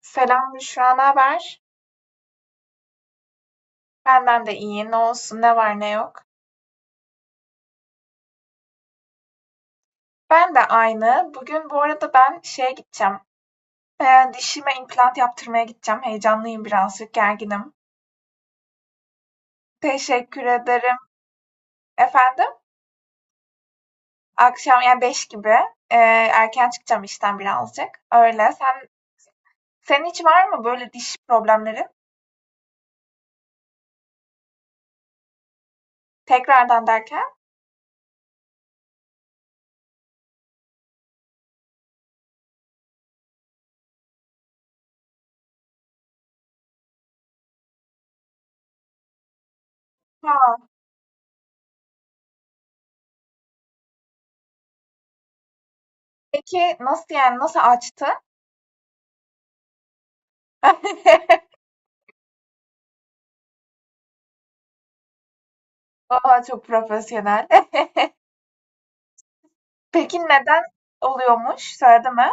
Selam Büşra, ne haber? Benden de iyi, ne olsun, ne var ne yok. Ben de aynı. Bugün bu arada ben şeye gideceğim. Dişime implant yaptırmaya gideceğim. Heyecanlıyım birazcık, gerginim. Teşekkür ederim. Efendim, akşam yani 5 gibi ee, erken çıkacağım işten birazcık. Öyle. Senin hiç var mı böyle diş problemleri? Tekrardan derken? Ha, peki nasıl yani nasıl açtı? Aa, çok profesyonel. Peki neden oluyormuş? Söyledi mi?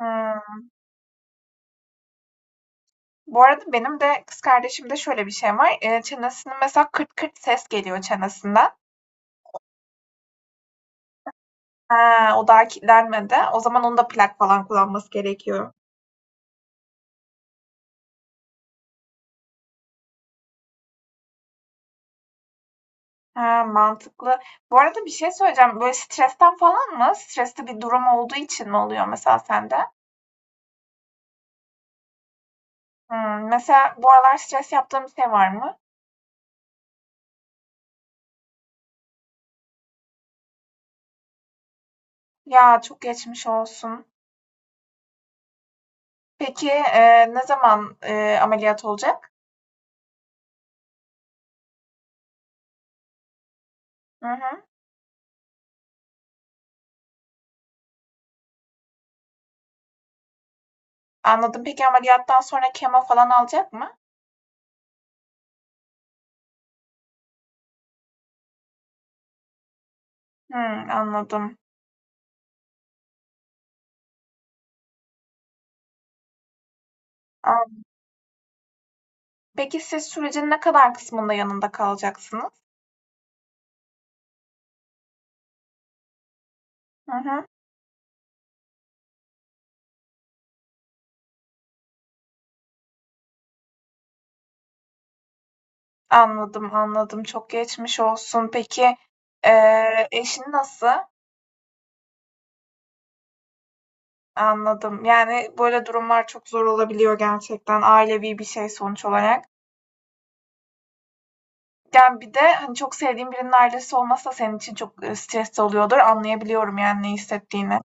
Hımm. Bu arada benim de kız kardeşimde şöyle bir şey var. Çenesinin mesela kırt kırt ses geliyor çenesinden. He, o daha kilitlenmedi. O zaman onun da plak falan kullanması gerekiyor. He, mantıklı. Bu arada bir şey söyleyeceğim. Böyle stresten falan mı? Stresli bir durum olduğu için mi oluyor mesela sende? Hımm. Mesela bu aralar stres yaptığım bir şey var mı? Ya, çok geçmiş olsun. Peki, ne zaman, ameliyat olacak? Hı hı. Anladım. Peki ameliyattan sonra kemo falan alacak mı? Anladım. An Peki siz sürecin ne kadar kısmında yanında kalacaksınız? Hı hı. Anladım, anladım. Çok geçmiş olsun. Peki, eşin nasıl? Anladım. Yani, böyle durumlar çok zor olabiliyor gerçekten. Ailevi bir şey sonuç olarak. Yani, bir de, hani, çok sevdiğin birinin ailesi olması da senin için çok, stresli oluyordur. Anlayabiliyorum, yani, ne hissettiğini.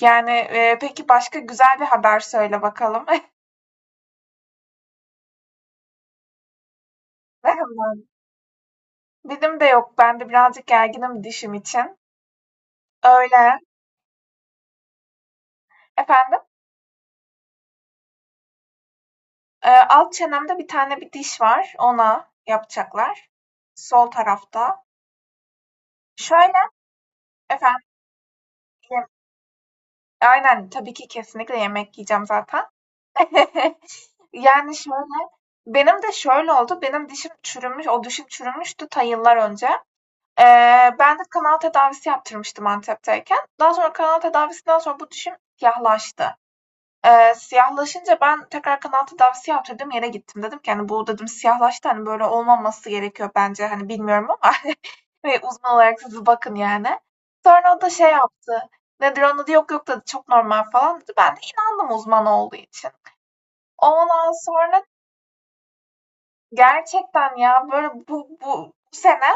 Yani, peki başka güzel bir haber söyle bakalım. Dilim de yok. Ben de birazcık gerginim dişim için. Öyle. Efendim? Alt çenemde bir tane bir diş var. Ona yapacaklar. Sol tarafta. Şöyle efendim. Aynen tabii ki kesinlikle yemek yiyeceğim zaten. Yani şöyle. Benim de şöyle oldu. Benim dişim çürümüş. O dişim çürümüştü ta yıllar önce. Ee, Ben de kanal tedavisi yaptırmıştım Antep'teyken. Daha sonra kanal tedavisinden sonra bu dişim siyahlaştı. Siyahlaşınca ben tekrar kanal tedavisi yaptırdım, yere gittim. Dedim ki, hani, "Bu" dedim, "Siyahlaştı, hani, böyle olmaması gerekiyor bence, hani, bilmiyorum ama hani, uzman olarak siz bakın, yani." Sonra o da şey yaptı, nedir onun adı, "Yok, yok," dedi, "Çok normal," falan dedi. Ben de inandım uzman olduğu için. Ondan sonra, gerçekten ya böyle bu sene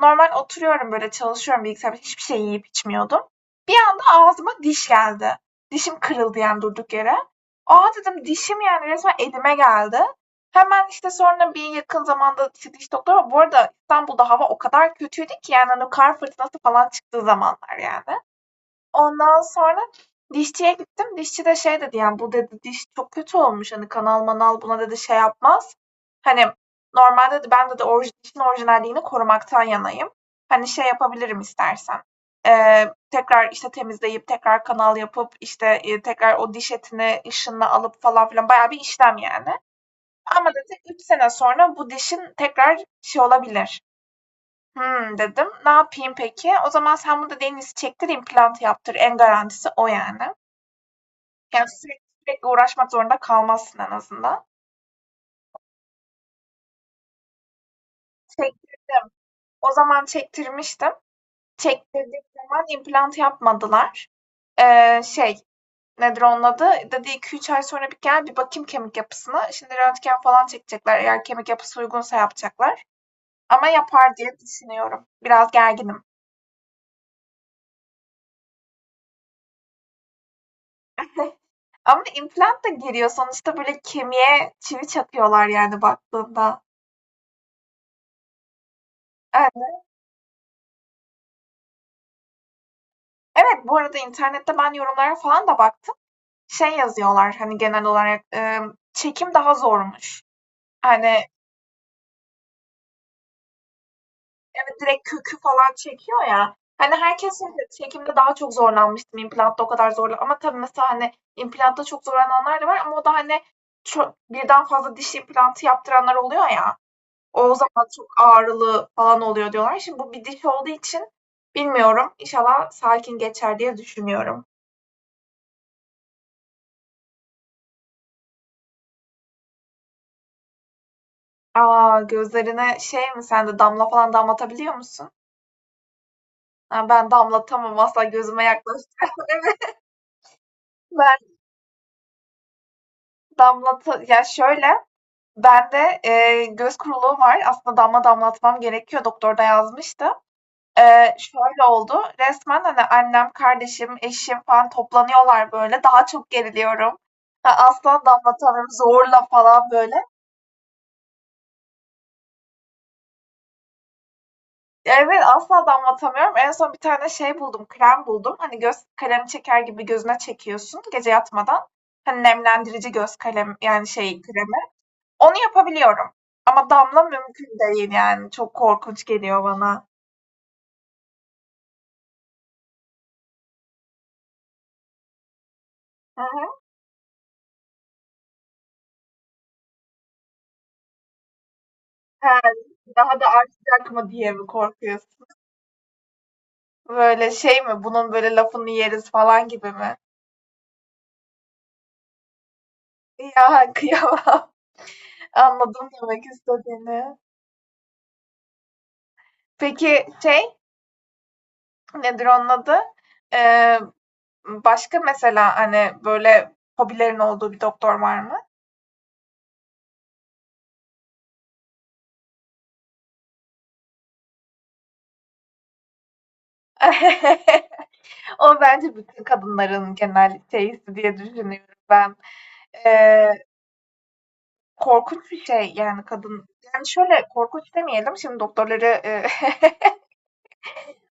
normal oturuyorum böyle çalışıyorum bilgisayarda hiçbir şey yiyip içmiyordum. Bir anda ağzıma diş geldi. Dişim kırıldı yani durduk yere. Aa dedim dişim yani resmen elime geldi. Hemen işte sonra bir yakın zamanda işte diş doktoru bu arada İstanbul'da hava o kadar kötüydü ki yani hani kar fırtınası falan çıktığı zamanlar yani. Ondan sonra dişçiye gittim. Dişçi de şey dedi yani bu dedi diş çok kötü olmuş. Hani kanal manal buna dedi şey yapmaz. Hani normalde dedi ben dedi dişin orijinalliğini korumaktan yanayım. Hani şey yapabilirim istersen. Tekrar işte temizleyip tekrar kanal yapıp işte tekrar o diş etini ışınla alıp falan filan bayağı bir işlem yani. Ama dedi 3 sene sonra bu dişin tekrar şey olabilir. Hımm, dedim. Ne yapayım peki? O zaman sen bunu da deniz çektir, implant yaptır. En garantisi o yani. Yani sürekli sürekli uğraşmak zorunda kalmazsın en azından. Çektirdim. O zaman çektirmiştim. Çektirdiğim zaman implant yapmadılar. Şey, nedir onun adı? Dedi 2-3 ay sonra bir gel bir bakayım kemik yapısına. Şimdi röntgen falan çekecekler. Eğer kemik yapısı uygunsa yapacaklar. Ama yapar diye düşünüyorum. Biraz gerginim. Ama implant da giriyor. Sonuçta böyle kemiğe çivi çakıyorlar yani baktığında. Evet, evet, bu arada internette ben yorumlara falan da baktım. Şey yazıyorlar hani genel olarak çekim daha zormuş. Hani, evet, direkt kökü falan çekiyor ya. Hani herkes şey "Çekimde daha çok zorlanmıştım, implantta o kadar zorla" ama tabii mesela, hani, implantta çok zorlananlar da var ama o da, hani, birden fazla diş implantı yaptıranlar oluyor ya. O zaman çok ağrılı falan oluyor diyorlar. Şimdi bu bir diş olduğu için bilmiyorum. İnşallah sakin geçer diye düşünüyorum. Aa gözlerine şey mi sen de damla falan damlatabiliyor musun? Ha, ben damlatamam asla gözüme yaklaştı. Ben ya şöyle bende göz kuruluğu var. Aslında damla damlatmam gerekiyor. Doktor da yazmıştı. Şöyle oldu, resmen, hani, annem, kardeşim, eşim falan toplanıyorlar böyle. Daha çok geriliyorum. Ha, asla damlatamıyorum zorla falan böyle. Evet, asla damlatamıyorum. En son bir tane şey buldum, krem buldum. Hani, göz kalemi çeker gibi gözüne çekiyorsun gece yatmadan. Hani, nemlendirici göz kalem yani şey kremi. Onu yapabiliyorum ama damla mümkün değil yani. Çok korkunç geliyor bana. Hı hı. He, daha da artacak mı diye mi korkuyorsun? Böyle şey mi? Bunun böyle lafını yeriz falan gibi mi? Ya kıyamam. Anladım demek istediğini. Peki şey nedir onun adı? Ee, Başka mesela hani böyle hobilerin olduğu bir doktor var mı? O bence bütün kadınların genel şeysi diye düşünüyorum ben. Ee, Korkunç bir şey yani kadın. Yani şöyle korkunç demeyelim. Şimdi doktorları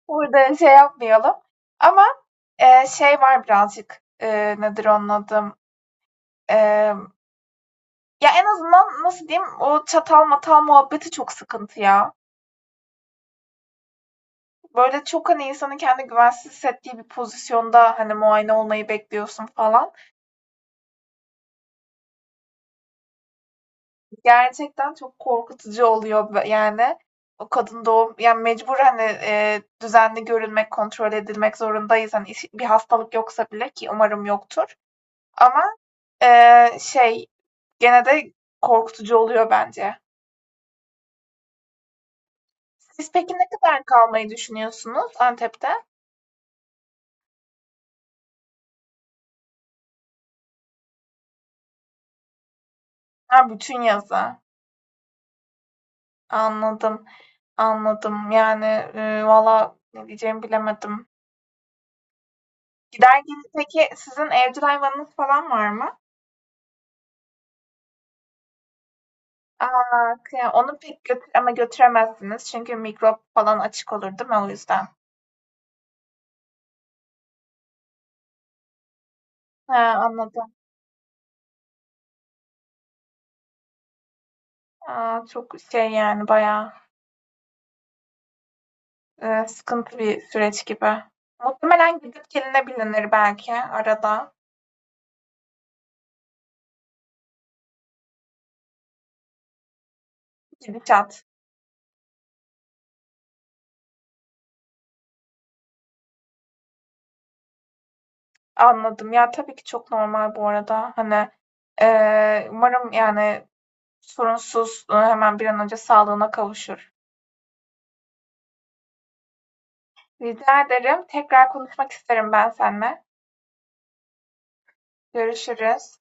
burada şey yapmayalım. Ama, şey var birazcık, nedir onun adı? Emm, ya, en azından nasıl diyeyim, o çatal matal muhabbeti çok sıkıntı ya. Böyle çok, hani, insanın kendi güvensiz hissettiği bir pozisyonda, hani, muayene olmayı bekliyorsun falan. Gerçekten çok korkutucu oluyor yani. O kadın doğum yani mecbur, hani, düzenli görülmek, kontrol edilmek zorundayız. Hani, iş bir hastalık yoksa bile ki umarım yoktur ama, şey gene de korkutucu oluyor bence. Siz peki ne kadar kalmayı düşünüyorsunuz Antep'te? Ha, bütün yazı. Anladım. Anladım. Yani valla ne diyeceğimi bilemedim. Giderken peki sizin evcil hayvanınız falan var mı? Aa, onu pek götür ama götüremezsiniz çünkü mikrop falan açık olur değil mi o yüzden? Ha, anladım. Aa, çok şey yani bayağı sıkıntı bir süreç gibi. Muhtemelen gidip gelinebilinir belki arada. Gidişat. Anladım. Ya, tabii ki çok normal bu arada. Hani, umarım, yani, sorunsuz, hemen bir an önce sağlığına kavuşur. Rica ederim. Tekrar konuşmak isterim ben seninle. Görüşürüz.